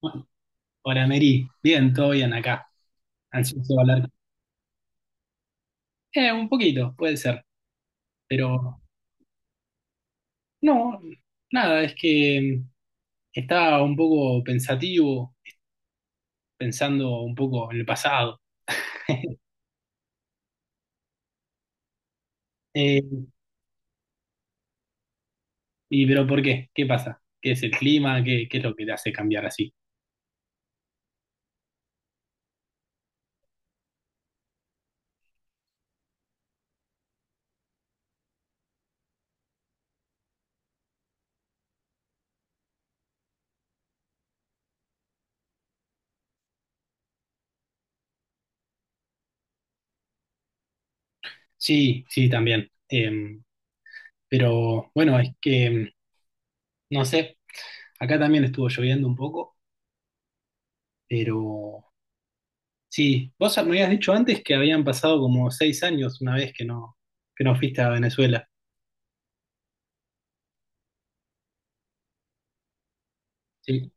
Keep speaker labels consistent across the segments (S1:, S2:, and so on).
S1: Bueno, hola Mary, bien, todo bien acá. Ansioso de hablar. Un poquito, puede ser, pero no, nada, es que estaba un poco pensativo, pensando un poco en el pasado. Eh, ¿Pero por qué? ¿Qué pasa? ¿Qué es el clima? ¿Qué es lo que te hace cambiar así? Sí, sí, también. Pero bueno, es que, no sé, acá también estuvo lloviendo un poco, pero sí, vos me habías dicho antes que habían pasado como seis años una vez que no fuiste a Venezuela. Sí,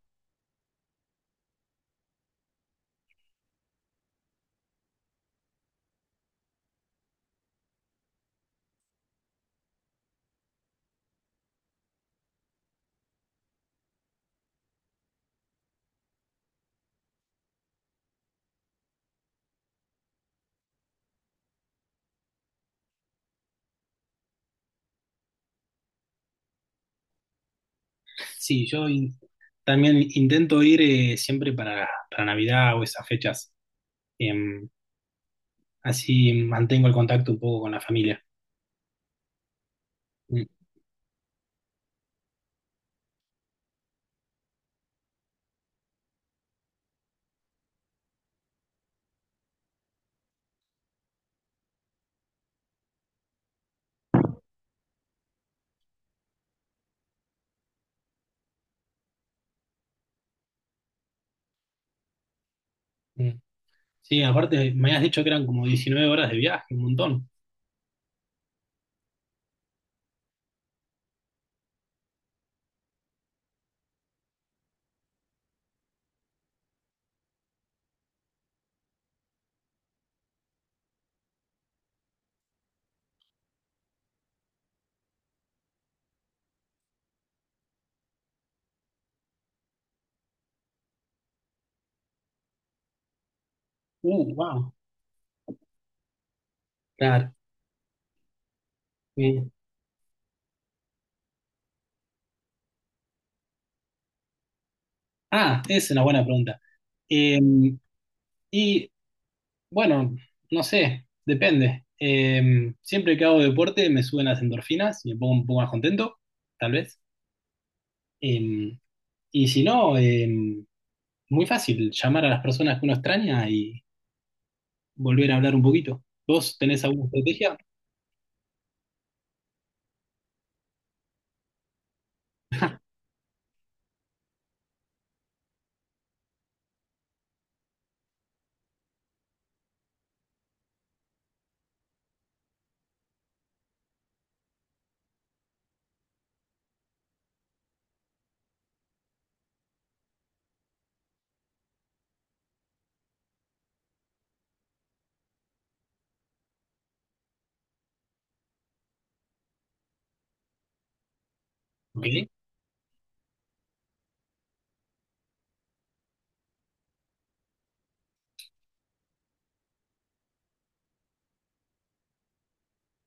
S1: sí, también intento ir siempre para Navidad o esas fechas. Em, Así mantengo el contacto un poco con la familia. Mm, mm. Sí, aparte me habías dicho que eran como 19 horas de viaje, un montón. Wow. Claro. Eh, es una buena pregunta. Em, y Bueno, no sé, depende. Siempre que hago deporte me suben las endorfinas y me pongo un poco más contento, tal vez. Em, si no, muy fácil llamar a las personas que uno extraña y volver a hablar un poquito. ¿Vos tenés alguna estrategia? Ok.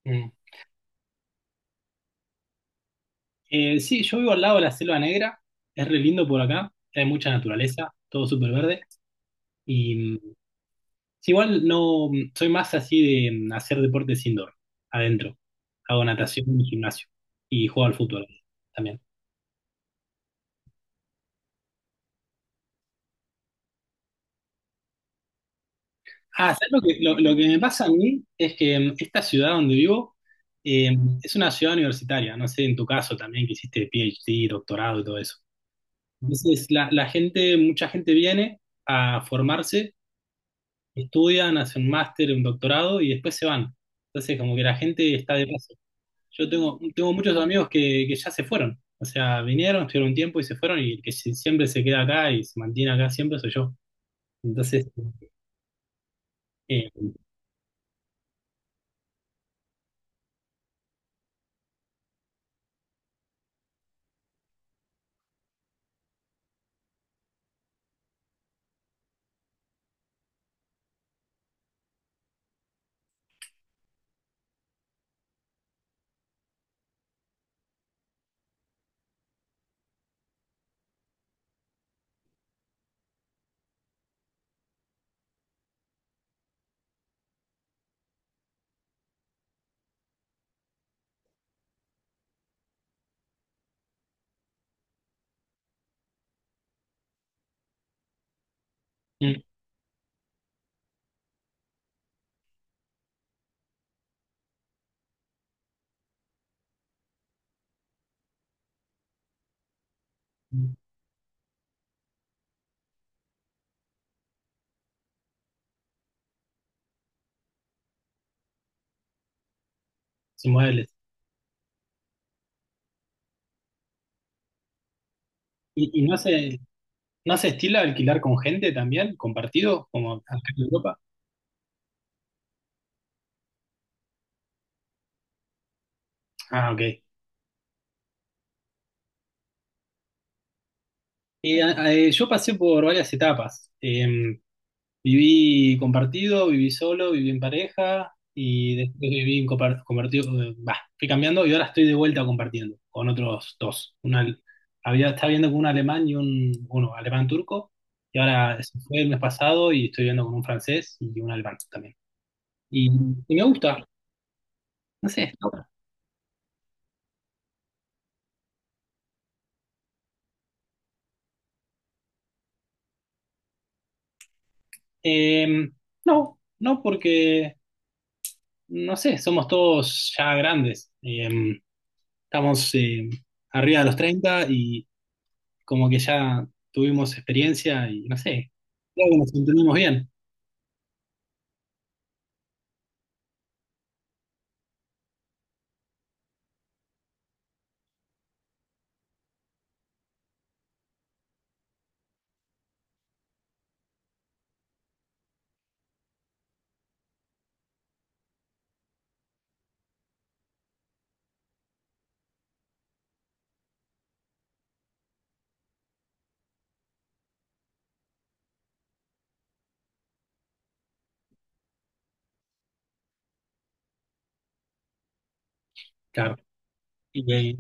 S1: Mm. Sí, yo vivo al lado de la Selva Negra, es re lindo por acá, hay mucha naturaleza, todo súper verde. Y sí, igual no, soy más así de hacer deportes indoor, adentro. Hago natación y gimnasio y juego al fútbol también. Ah, ¿sabes lo que, lo que me pasa a mí? Es que esta ciudad donde vivo eh, es una ciudad universitaria, no sé, en tu caso también que hiciste PhD, doctorado y todo eso. Entonces, la gente, mucha gente viene a formarse, estudian, hacen un máster, un doctorado y después se van. Entonces, como que la gente está de paso. Yo tengo, tengo muchos amigos que ya se fueron. O sea, vinieron, estuvieron un tiempo y se fueron, y el que siempre se queda acá y se mantiene acá siempre soy yo. Entonces, eh, mm, mm, sin modales. ¿Y no se, no se estila alquilar con gente también, compartido, como acá en Europa? Ah, ok. Yo pasé por varias etapas. Viví compartido, viví solo, viví en pareja y después viví en compartido, bah, fui cambiando y ahora estoy de vuelta compartiendo con otros dos. Una, había, estaba viendo con un alemán y un, uno, alemán turco y ahora se fue el mes pasado y estoy viendo con un francés y un alemán también. Y, y me gusta, no sé. Eh, no, no porque, no sé, somos todos ya grandes. Estamos arriba de los treinta y como que ya tuvimos experiencia y no sé, creo que nos entendemos bien, claro. Y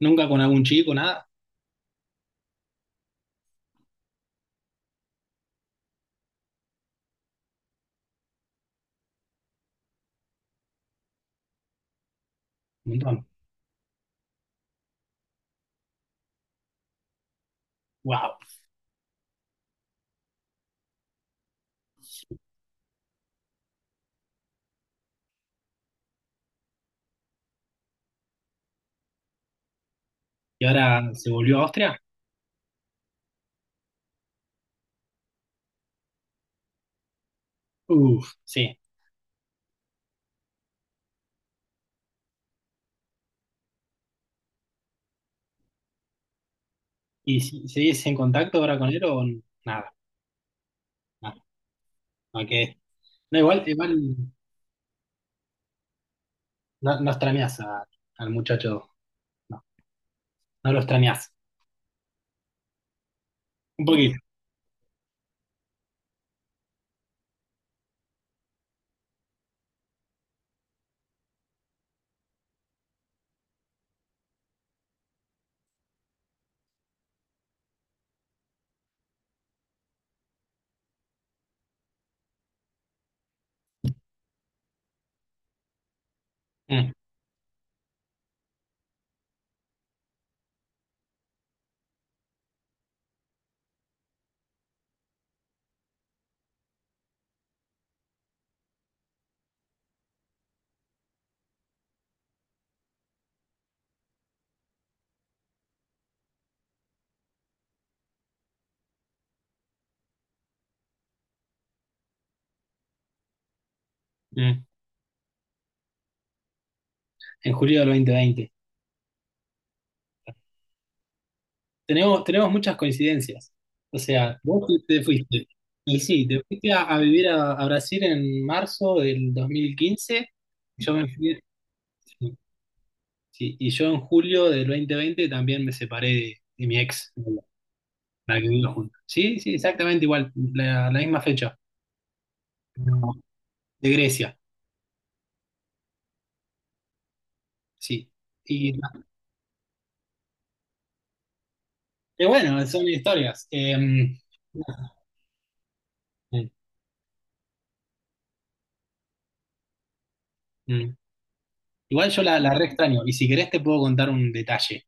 S1: nunca con algún chico, nada, un montón. Wow. ¿Y ahora se volvió a Austria? Uf, sí. ¿Y si, seguís en contacto ahora con él o nada? Nada. Ok. No, igual, igual no, no extrañás al muchacho, no, no lo extrañás. Un poquito. Mm, mm. En julio del 2020. Tenemos, tenemos muchas coincidencias. O sea, vos te, te fuiste. Y sí, te fuiste a vivir a Brasil en marzo del 2015. Yo me fui, sí, y yo en julio del 2020 también me separé de mi ex, la que vivimos juntos. Sí, sí, exactamente igual, la misma fecha, pero de Grecia, sí. Y, y bueno, son historias. Mm, mm. Igual yo la re extraño, y si querés te puedo contar un detalle.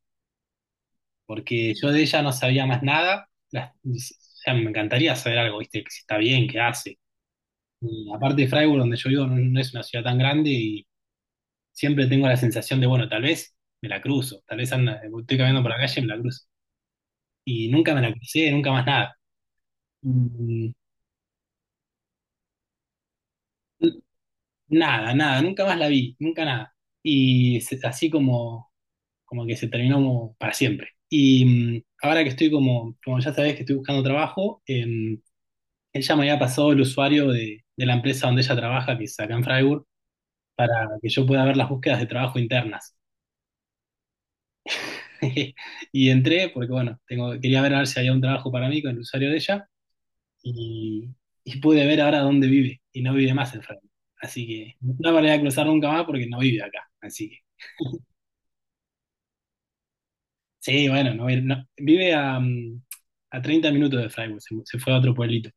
S1: Porque yo de ella no sabía más nada. O sea, me encantaría saber algo, ¿viste? Que si está bien, qué hace. Y aparte, Freiburg, donde yo vivo, no, no es una ciudad tan grande y siempre tengo la sensación de, bueno, tal vez me la cruzo, tal vez anda, estoy caminando por la calle y me la cruzo. Y nunca me la crucé, nunca más nada. Mm, nada, nada, nunca más la vi, nunca nada. Así como, como que se terminó como para siempre. Y ahora que estoy como, como ya sabés que estoy buscando trabajo, ella me había pasado el usuario de la empresa donde ella trabaja, que es acá en Freiburg, para que yo pueda ver las búsquedas de trabajo internas. Y entré porque, bueno, tengo, quería ver a ver si había un trabajo para mí con el usuario de ella y, y pude ver ahora dónde vive y no vive más en Freiburg. Así que no me voy a cruzar nunca más porque no vive acá. Así que, sí, bueno, no, vive a, a 30 minutos de Freiburg, se fue a otro pueblito.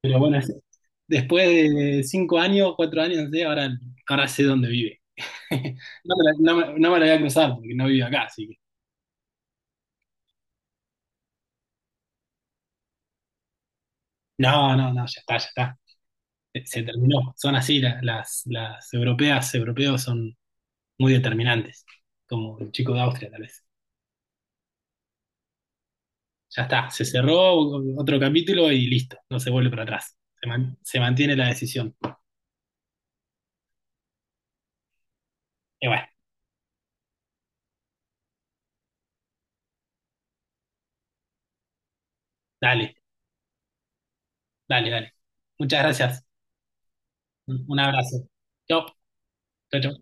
S1: Pero bueno, es- Después de cinco años, cuatro años, no sé, ahora, ahora sé dónde vive. No me la voy a cruzar porque no vivo acá, así que. No, no, no, ya está, ya está. Se terminó. Son así, las europeas, europeos son muy determinantes, como el chico de Austria, tal vez. Ya está, se cerró otro capítulo y listo, no se vuelve para atrás. Se mantiene la decisión. Y bueno, dale, dale, dale. Muchas gracias. Un abrazo. Chao, chao, chao.